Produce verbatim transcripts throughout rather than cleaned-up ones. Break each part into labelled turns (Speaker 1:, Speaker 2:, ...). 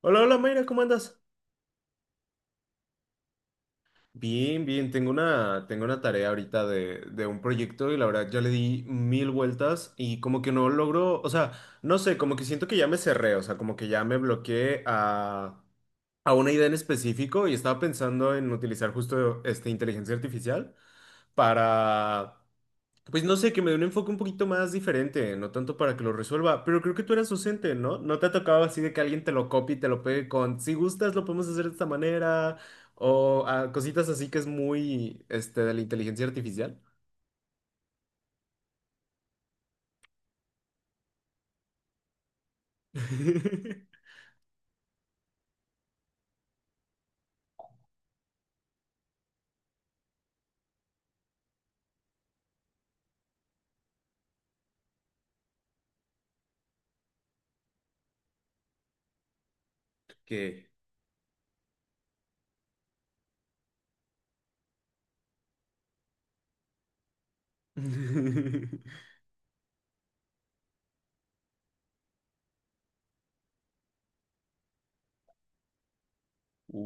Speaker 1: Hola, hola Mayra, ¿cómo andas? Bien, bien, tengo una, tengo una tarea ahorita de, de un proyecto y la verdad ya le di mil vueltas y como que no logro, o sea, no sé, como que siento que ya me cerré, o sea, como que ya me bloqueé a, a una idea en específico y estaba pensando en utilizar justo este inteligencia artificial para. Pues no sé, que me dé un enfoque un poquito más diferente, no tanto para que lo resuelva, pero creo que tú eras docente, ¿no? ¿No te ha tocado así de que alguien te lo copie y te lo pegue con, si gustas, lo podemos hacer de esta manera, o ah, cositas así que es muy, este, de la inteligencia artificial? ¿Qué? uh,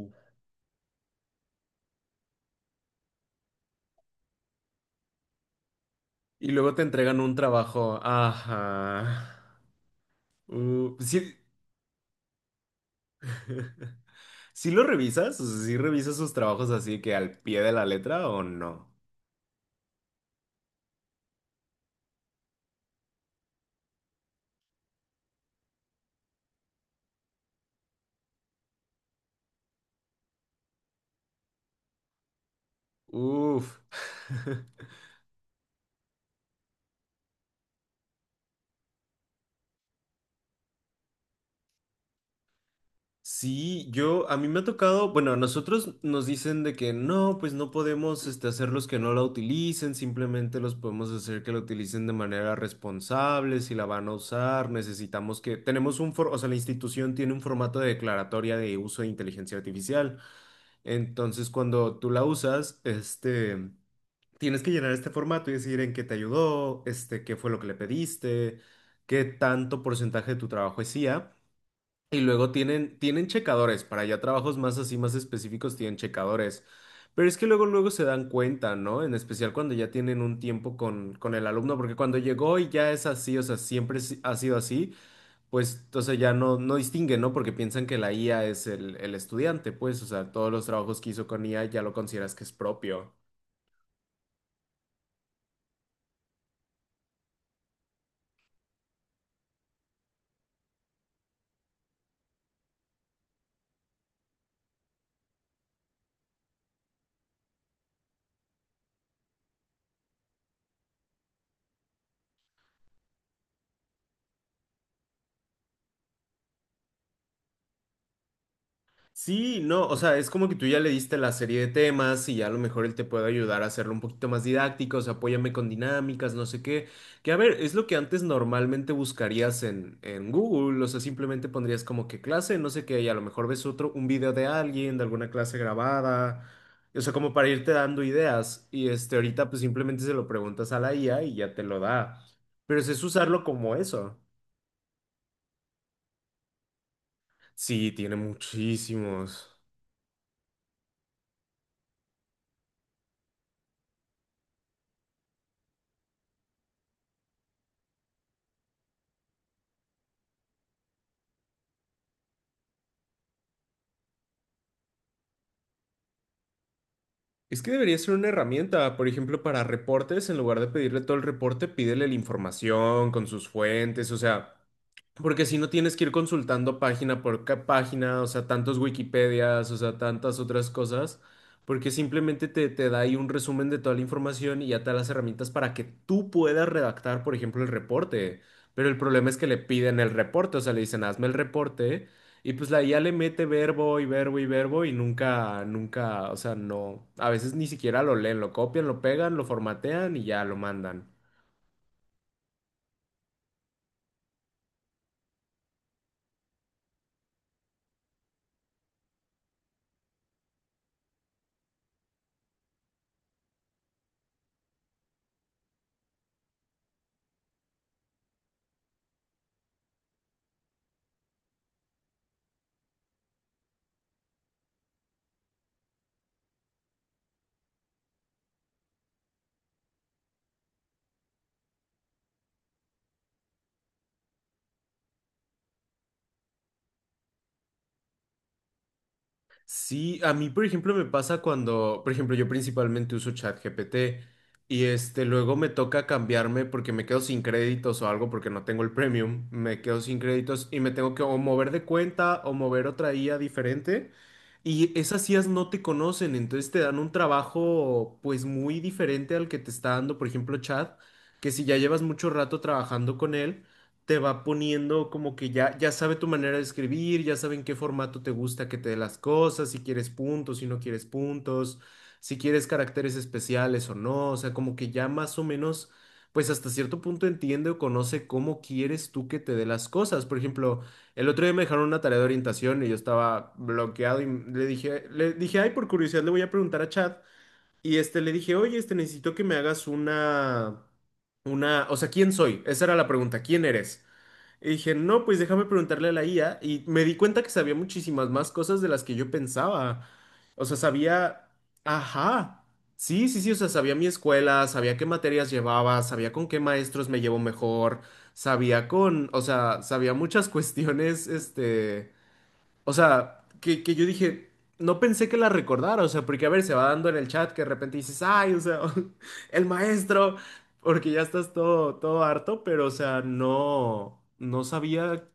Speaker 1: Y luego te entregan un trabajo. Ajá. Uh, sí, ¿sí lo revisas? O sea, ¿sí revisas sus trabajos así que al pie de la letra o no? Uf. Sí, yo, a mí me ha tocado, bueno, a nosotros nos dicen de que no, pues no podemos este, hacerlos que no la utilicen, simplemente los podemos hacer que la utilicen de manera responsable, si la van a usar, necesitamos que, tenemos un, for- o sea, la institución tiene un formato de declaratoria de uso de inteligencia artificial, entonces cuando tú la usas, este, tienes que llenar este formato y decir en qué te ayudó, este, qué fue lo que le pediste, qué tanto porcentaje de tu trabajo es I A. Y luego tienen, tienen checadores, para ya trabajos más así, más específicos, tienen checadores. Pero es que luego, luego se dan cuenta, ¿no? En especial cuando ya tienen un tiempo con, con el alumno, porque cuando llegó y ya es así, o sea, siempre si- ha sido así, pues entonces ya no, no distinguen, ¿no? Porque piensan que la I A es el, el estudiante, pues, o sea, todos los trabajos que hizo con I A ya lo consideras que es propio. Sí, no, o sea, es como que tú ya le diste la serie de temas y ya a lo mejor él te puede ayudar a hacerlo un poquito más didáctico, o sea, apóyame con dinámicas, no sé qué. Que a ver, es lo que antes normalmente buscarías en, en Google, o sea, simplemente pondrías como que clase, no sé qué, y a lo mejor ves otro, un video de alguien, de alguna clase grabada, o sea, como para irte dando ideas. Y este, ahorita pues simplemente se lo preguntas a la I A y ya te lo da. Pero es es usarlo como eso. Sí, tiene muchísimos. Es que debería ser una herramienta, por ejemplo, para reportes, en lugar de pedirle todo el reporte, pídele la información con sus fuentes, o sea, porque si no tienes que ir consultando página por ca- página, o sea, tantos Wikipedias, o sea, tantas otras cosas, porque simplemente te, te da ahí un resumen de toda la información y ya te da las herramientas para que tú puedas redactar, por ejemplo, el reporte. Pero el problema es que le piden el reporte, o sea, le dicen, hazme el reporte, y pues la I A le mete verbo y verbo y verbo y nunca, nunca, o sea, no, a veces ni siquiera lo leen, lo copian, lo pegan, lo formatean y ya lo mandan. Sí, a mí, por ejemplo, me pasa cuando, por ejemplo, yo principalmente uso ChatGPT y este luego me toca cambiarme porque me quedo sin créditos o algo porque no tengo el premium, me quedo sin créditos y me tengo que o mover de cuenta o mover otra I A diferente y esas I As no te conocen, entonces te dan un trabajo pues muy diferente al que te está dando, por ejemplo, Chat, que si ya llevas mucho rato trabajando con él te va poniendo como que ya, ya sabe tu manera de escribir, ya sabe en qué formato te gusta que te dé las cosas, si quieres puntos, si no quieres puntos, si quieres caracteres especiales o no, o sea, como que ya más o menos, pues hasta cierto punto entiende o conoce cómo quieres tú que te dé las cosas. Por ejemplo, el otro día me dejaron una tarea de orientación y yo estaba bloqueado y le dije, le dije, ay, por curiosidad le voy a preguntar a Chad. Y este le dije, oye, este necesito que me hagas una, una, o sea, ¿quién soy? Esa era la pregunta, ¿quién eres? Y dije, no, pues déjame preguntarle a la I A. Y me di cuenta que sabía muchísimas más cosas de las que yo pensaba. O sea, sabía, ajá, sí, sí, sí, o sea, sabía mi escuela, sabía qué materias llevaba, sabía con qué maestros me llevo mejor, sabía con, o sea, sabía muchas cuestiones, este... O sea, que, que yo dije, no pensé que la recordara, o sea, porque a ver, se va dando en el chat que de repente dices, ay, o sea, el maestro, porque ya estás todo, todo harto, pero o sea, no, no sabía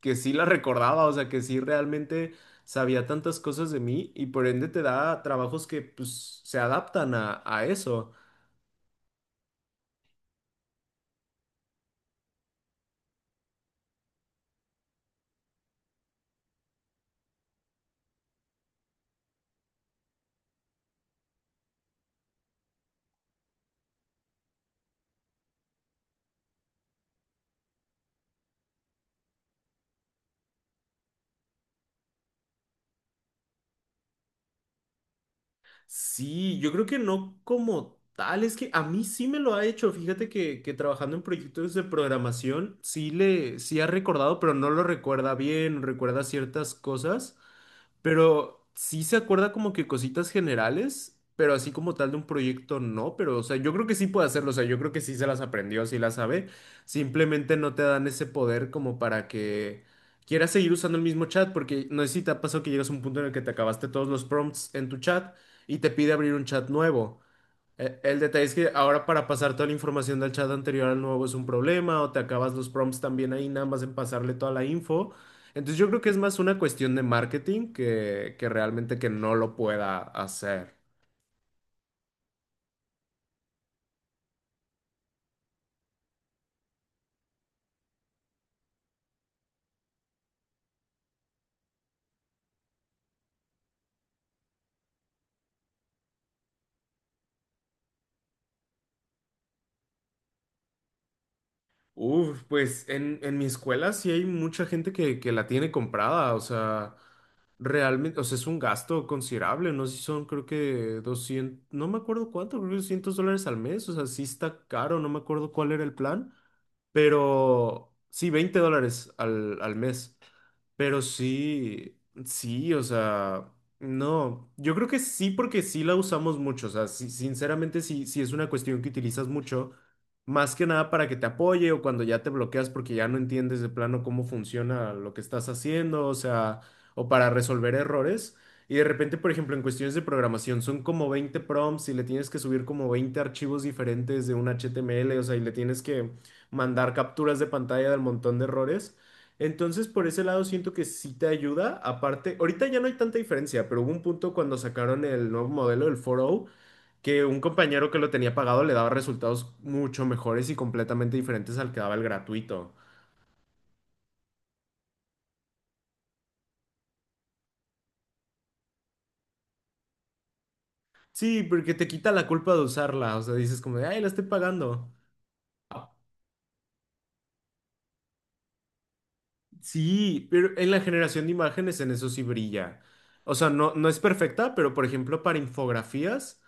Speaker 1: que sí la recordaba, o sea, que sí realmente sabía tantas cosas de mí y por ende te da trabajos que pues se adaptan a, a eso. Sí, yo creo que no como tal, es que a mí sí me lo ha hecho, fíjate que, que trabajando en proyectos de programación sí le, sí ha recordado, pero no lo recuerda bien, recuerda ciertas cosas. Pero sí se acuerda como que cositas generales, pero así como tal de un proyecto no, pero o sea, yo creo que sí puede hacerlo, o sea, yo creo que sí se las aprendió, sí las sabe, simplemente no te dan ese poder como para que quieras seguir usando el mismo chat, porque no sé si te ha pasado que llegas a un punto en el que te acabaste todos los prompts en tu chat y te pide abrir un chat nuevo. E- El detalle es que ahora para pasar toda la información del chat anterior al nuevo es un problema, o te acabas los prompts también ahí, nada más en pasarle toda la info. Entonces yo creo que es más una cuestión de marketing que, que realmente que no lo pueda hacer. Uf, pues en, en mi escuela sí hay mucha gente que, que la tiene comprada, o sea. Realmente, o sea, es un gasto considerable, no sé si son, creo que doscientos no me acuerdo cuánto, creo que doscientos dólares al mes, o sea, sí está caro, no me acuerdo cuál era el plan, pero sí, veinte dólares al, al mes. Pero sí, sí, o sea, no, yo creo que sí porque sí la usamos mucho, o sea, sí- sinceramente sí, sí es una cuestión que utilizas mucho, más que nada para que te apoye o cuando ya te bloqueas porque ya no entiendes de plano cómo funciona lo que estás haciendo, o sea, o para resolver errores. Y de repente, por ejemplo, en cuestiones de programación son como veinte prompts y le tienes que subir como veinte archivos diferentes de un H T M L, o sea, y le tienes que mandar capturas de pantalla del montón de errores. Entonces, por ese lado siento que sí te ayuda. Aparte, ahorita ya no hay tanta diferencia, pero hubo un punto cuando sacaron el nuevo modelo, el cuatro punto cero, que un compañero que lo tenía pagado le daba resultados mucho mejores y completamente diferentes al que daba el gratuito. Sí, porque te quita la culpa de usarla. O sea, dices como de, ay, la estoy pagando. Ah. Sí, pero en la generación de imágenes en eso sí brilla. O sea, no, no es perfecta, pero por ejemplo, para infografías.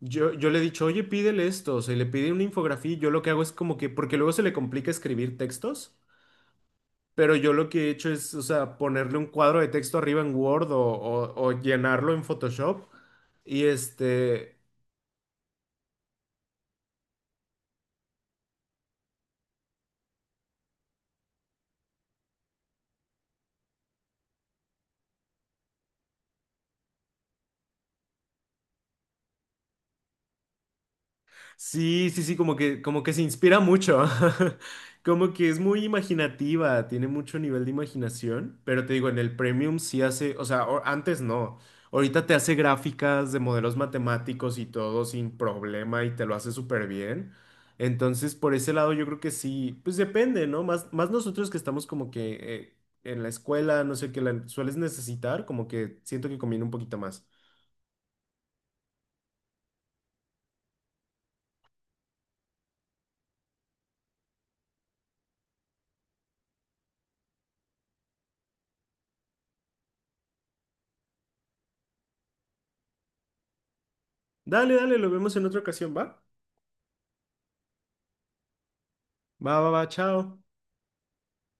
Speaker 1: Yo, yo le he dicho, oye, pídele esto, o sea, y le pide una infografía, y yo lo que hago es como que, porque luego se le complica escribir textos, pero yo lo que he hecho es, o sea, ponerle un cuadro de texto arriba en Word o, o- o llenarlo en Photoshop, y este, Sí, sí, sí, como que, como que se inspira mucho. Como que es muy imaginativa, tiene mucho nivel de imaginación, pero te digo, en el Premium sí hace, o sea, o- antes no. Ahorita te hace gráficas de modelos matemáticos y todo sin problema y te lo hace súper bien. Entonces, por ese lado yo creo que sí, pues depende, ¿no? Más, más nosotros que estamos como que eh, en la escuela, no sé, que la sueles necesitar, como que siento que conviene un poquito más. Dale, dale, lo vemos en otra ocasión, ¿va? Va, va, va, chao.